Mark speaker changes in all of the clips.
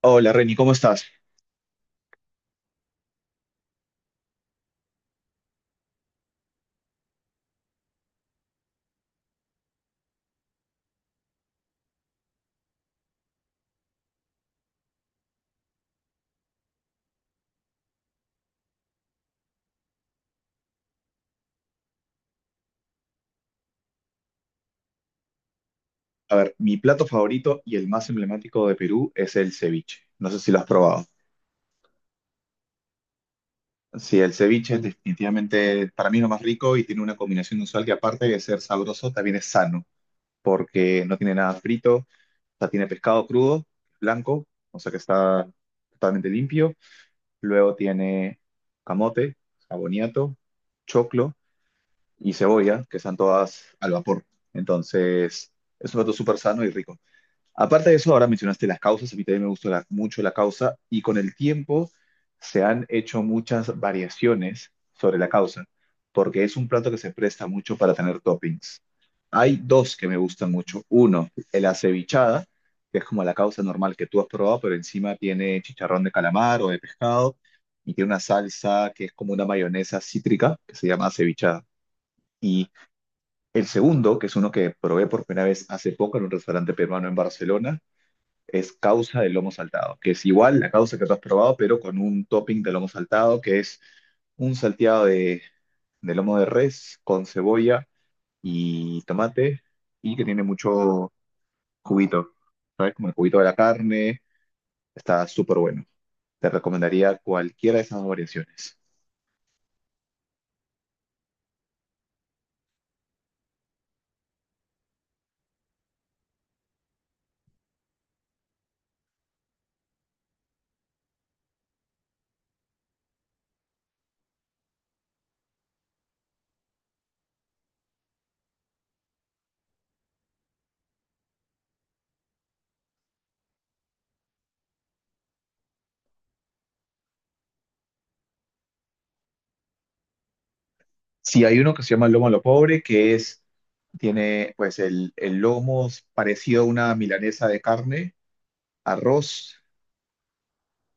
Speaker 1: Hola Reni, ¿cómo estás? A ver, mi plato favorito y el más emblemático de Perú es el ceviche. No sé si lo has probado. Sí, el ceviche es definitivamente para mí lo más rico y tiene una combinación usual que aparte de ser sabroso, también es sano, porque no tiene nada frito, o sea, tiene pescado crudo, blanco, o sea que está totalmente limpio. Luego tiene camote, aboniato, choclo y cebolla, que están todas al vapor. Entonces, es un plato súper sano y rico. Aparte de eso, ahora mencionaste las causas, a mí también me gusta mucho la causa y con el tiempo se han hecho muchas variaciones sobre la causa, porque es un plato que se presta mucho para tener toppings. Hay dos que me gustan mucho. Uno, el acevichada, que es como la causa normal que tú has probado, pero encima tiene chicharrón de calamar o de pescado y tiene una salsa que es como una mayonesa cítrica que se llama acevichada. Y el segundo, que es uno que probé por primera vez hace poco en un restaurante peruano en Barcelona, es causa de lomo saltado, que es igual la causa que tú has probado, pero con un topping de lomo saltado, que es un salteado de lomo de res con cebolla y tomate y que tiene mucho juguito, ¿sabes? Como el juguito de la carne, está súper bueno. Te recomendaría cualquiera de esas dos variaciones. Si hay uno que se llama lomo a lo pobre, que es, tiene pues el lomo es parecido a una milanesa de carne, arroz,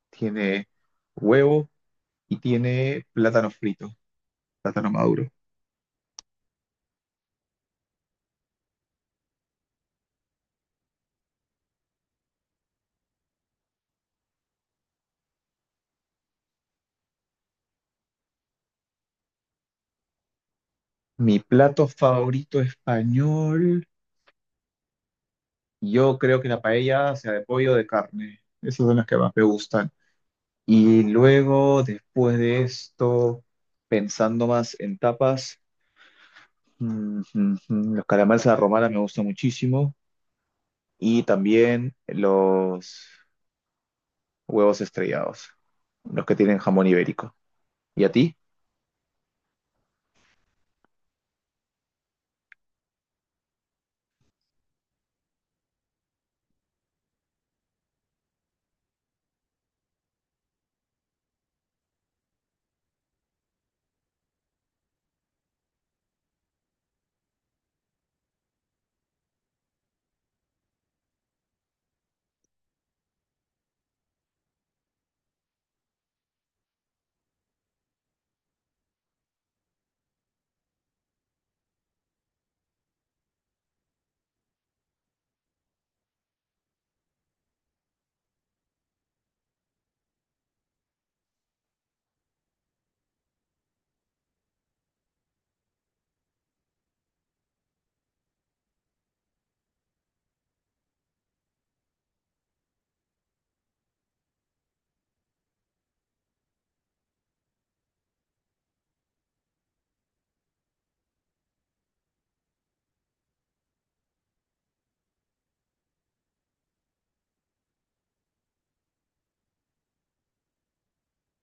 Speaker 1: tiene huevo y tiene plátano frito, plátano maduro. Mi plato favorito español, yo creo que la paella sea de pollo o de carne. Esas son las que más me gustan. Y luego, después de esto, pensando más en tapas, los calamares a la romana me gustan muchísimo. Y también los huevos estrellados, los que tienen jamón ibérico. ¿Y a ti?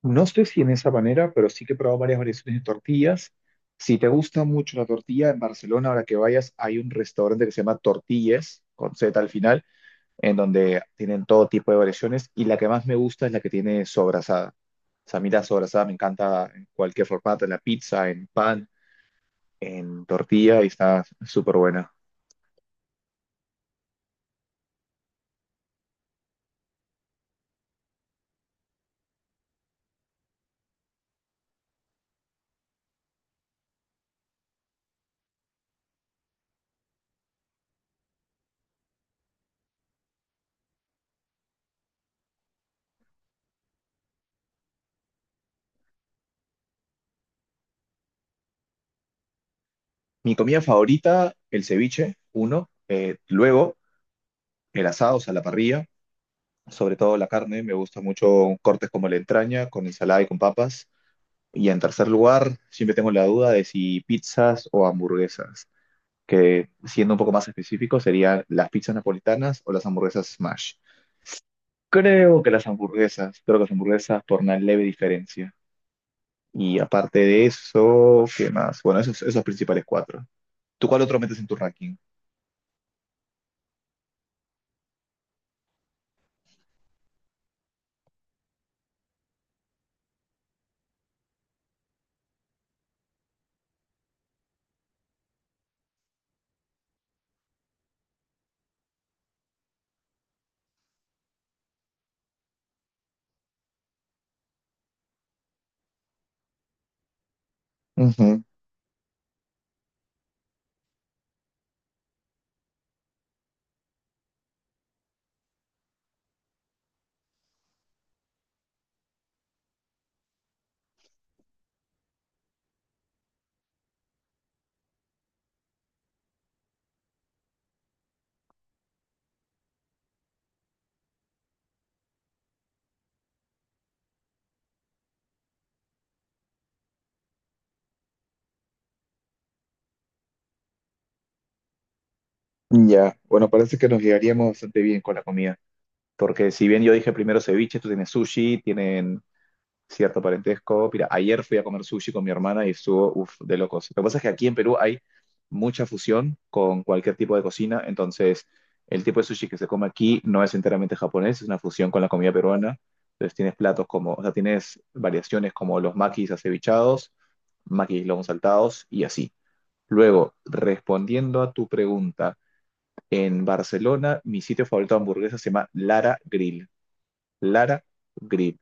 Speaker 1: No sé si en esa manera, pero sí que he probado varias variaciones de tortillas. Si te gusta mucho la tortilla, en Barcelona, ahora que vayas, hay un restaurante que se llama Tortillas, con Z al final, en donde tienen todo tipo de variaciones. Y la que más me gusta es la que tiene sobrasada. O sea, a mí la sobrasada me encanta en cualquier formato, en la pizza, en pan, en tortilla, y está súper buena. Mi comida favorita, el ceviche, uno. Luego, el asado, o sea, la parrilla. Sobre todo la carne, me gusta mucho cortes como la entraña, con ensalada y con papas. Y en tercer lugar, siempre tengo la duda de si pizzas o hamburguesas, que siendo un poco más específico serían las pizzas napolitanas o las hamburguesas smash. Creo que las hamburguesas por una leve diferencia. Y aparte de eso, ¿qué más? Bueno, esos principales cuatro. ¿Tú cuál otro metes en tu ranking? Ujú. Ya, bueno, parece que nos llegaríamos bastante bien con la comida. Porque si bien yo dije primero ceviche, tú tienes sushi, tienen cierto parentesco. Mira, ayer fui a comer sushi con mi hermana y estuvo, uff, de locos. Lo que pasa es que aquí en Perú hay mucha fusión con cualquier tipo de cocina, entonces el tipo de sushi que se come aquí no es enteramente japonés, es una fusión con la comida peruana. Entonces tienes platos como, o sea, tienes variaciones como los makis acevichados, makis lomos saltados y así. Luego, respondiendo a tu pregunta, en Barcelona mi sitio favorito de hamburguesas se llama Lara Grill. Lara Grill.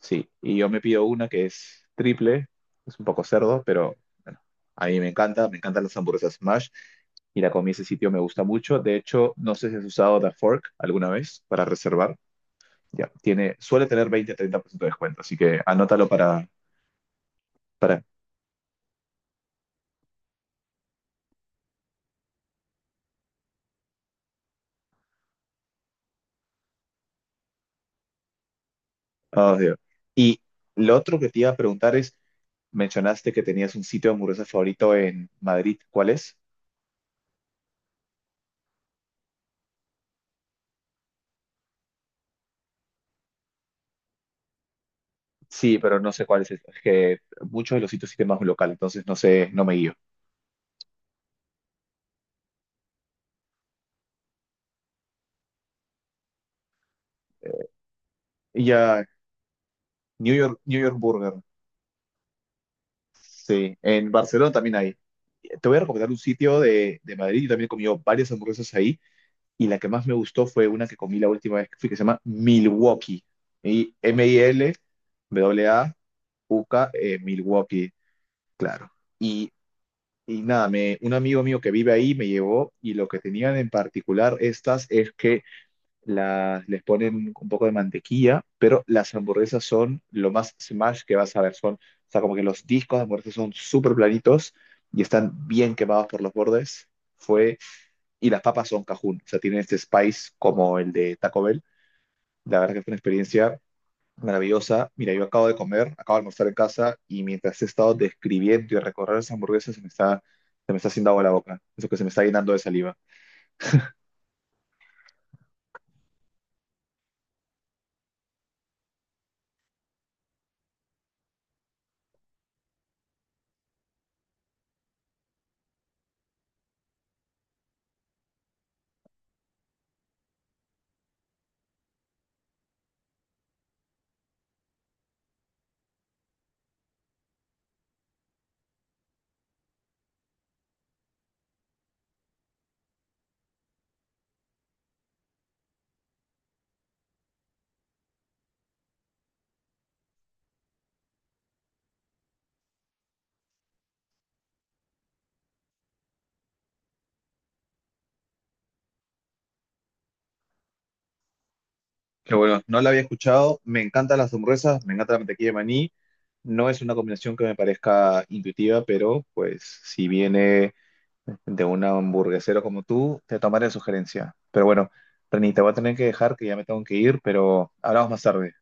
Speaker 1: Sí, y yo me pido una que es triple, es un poco cerdo, pero bueno, a mí me encanta, me encantan las hamburguesas Smash y la comí en ese sitio, me gusta mucho. De hecho, no sé si has usado The Fork alguna vez para reservar. Ya, tiene, suele tener 20-30% de descuento, así que anótalo para, oh, Dios. Y lo otro que te iba a preguntar es, mencionaste que tenías un sitio de hamburguesas favorito en Madrid, ¿cuál es? Sí, pero no sé cuál es. Es que muchos de los sitios sí tienen más un local, entonces no sé, no me guío. Ya, New York, New York Burger. Sí, en Barcelona también hay. Te voy a recomendar un sitio de Madrid. Yo también he comido varias hamburguesas ahí. Y la que más me gustó fue una que comí la última vez que fui, que se llama Milwaukee. Y Milwauk, Milwaukee, claro. Y, y nada, un amigo mío que vive ahí me llevó. Y lo que tenían en particular estas es que las, les ponen un poco de mantequilla, pero las hamburguesas son lo más smash que vas a ver. Son, o sea, como que los discos de hamburguesas son súper planitos y están bien quemados por los bordes. Fue, y las papas son cajún, o sea, tienen este spice como el de Taco Bell. La verdad que fue una experiencia maravillosa. Mira, yo acabo de comer, acabo de almorzar en casa y mientras he estado describiendo y recorrer las hamburguesas, se me está haciendo agua la boca. Eso que se me está llenando de saliva. Qué bueno, no la había escuchado. Me encantan las hamburguesas, me encanta la mantequilla de maní. No es una combinación que me parezca intuitiva, pero pues si viene de un hamburguesero como tú, te tomaré la sugerencia. Pero bueno, Reni, te voy a tener que dejar que ya me tengo que ir, pero hablamos más tarde.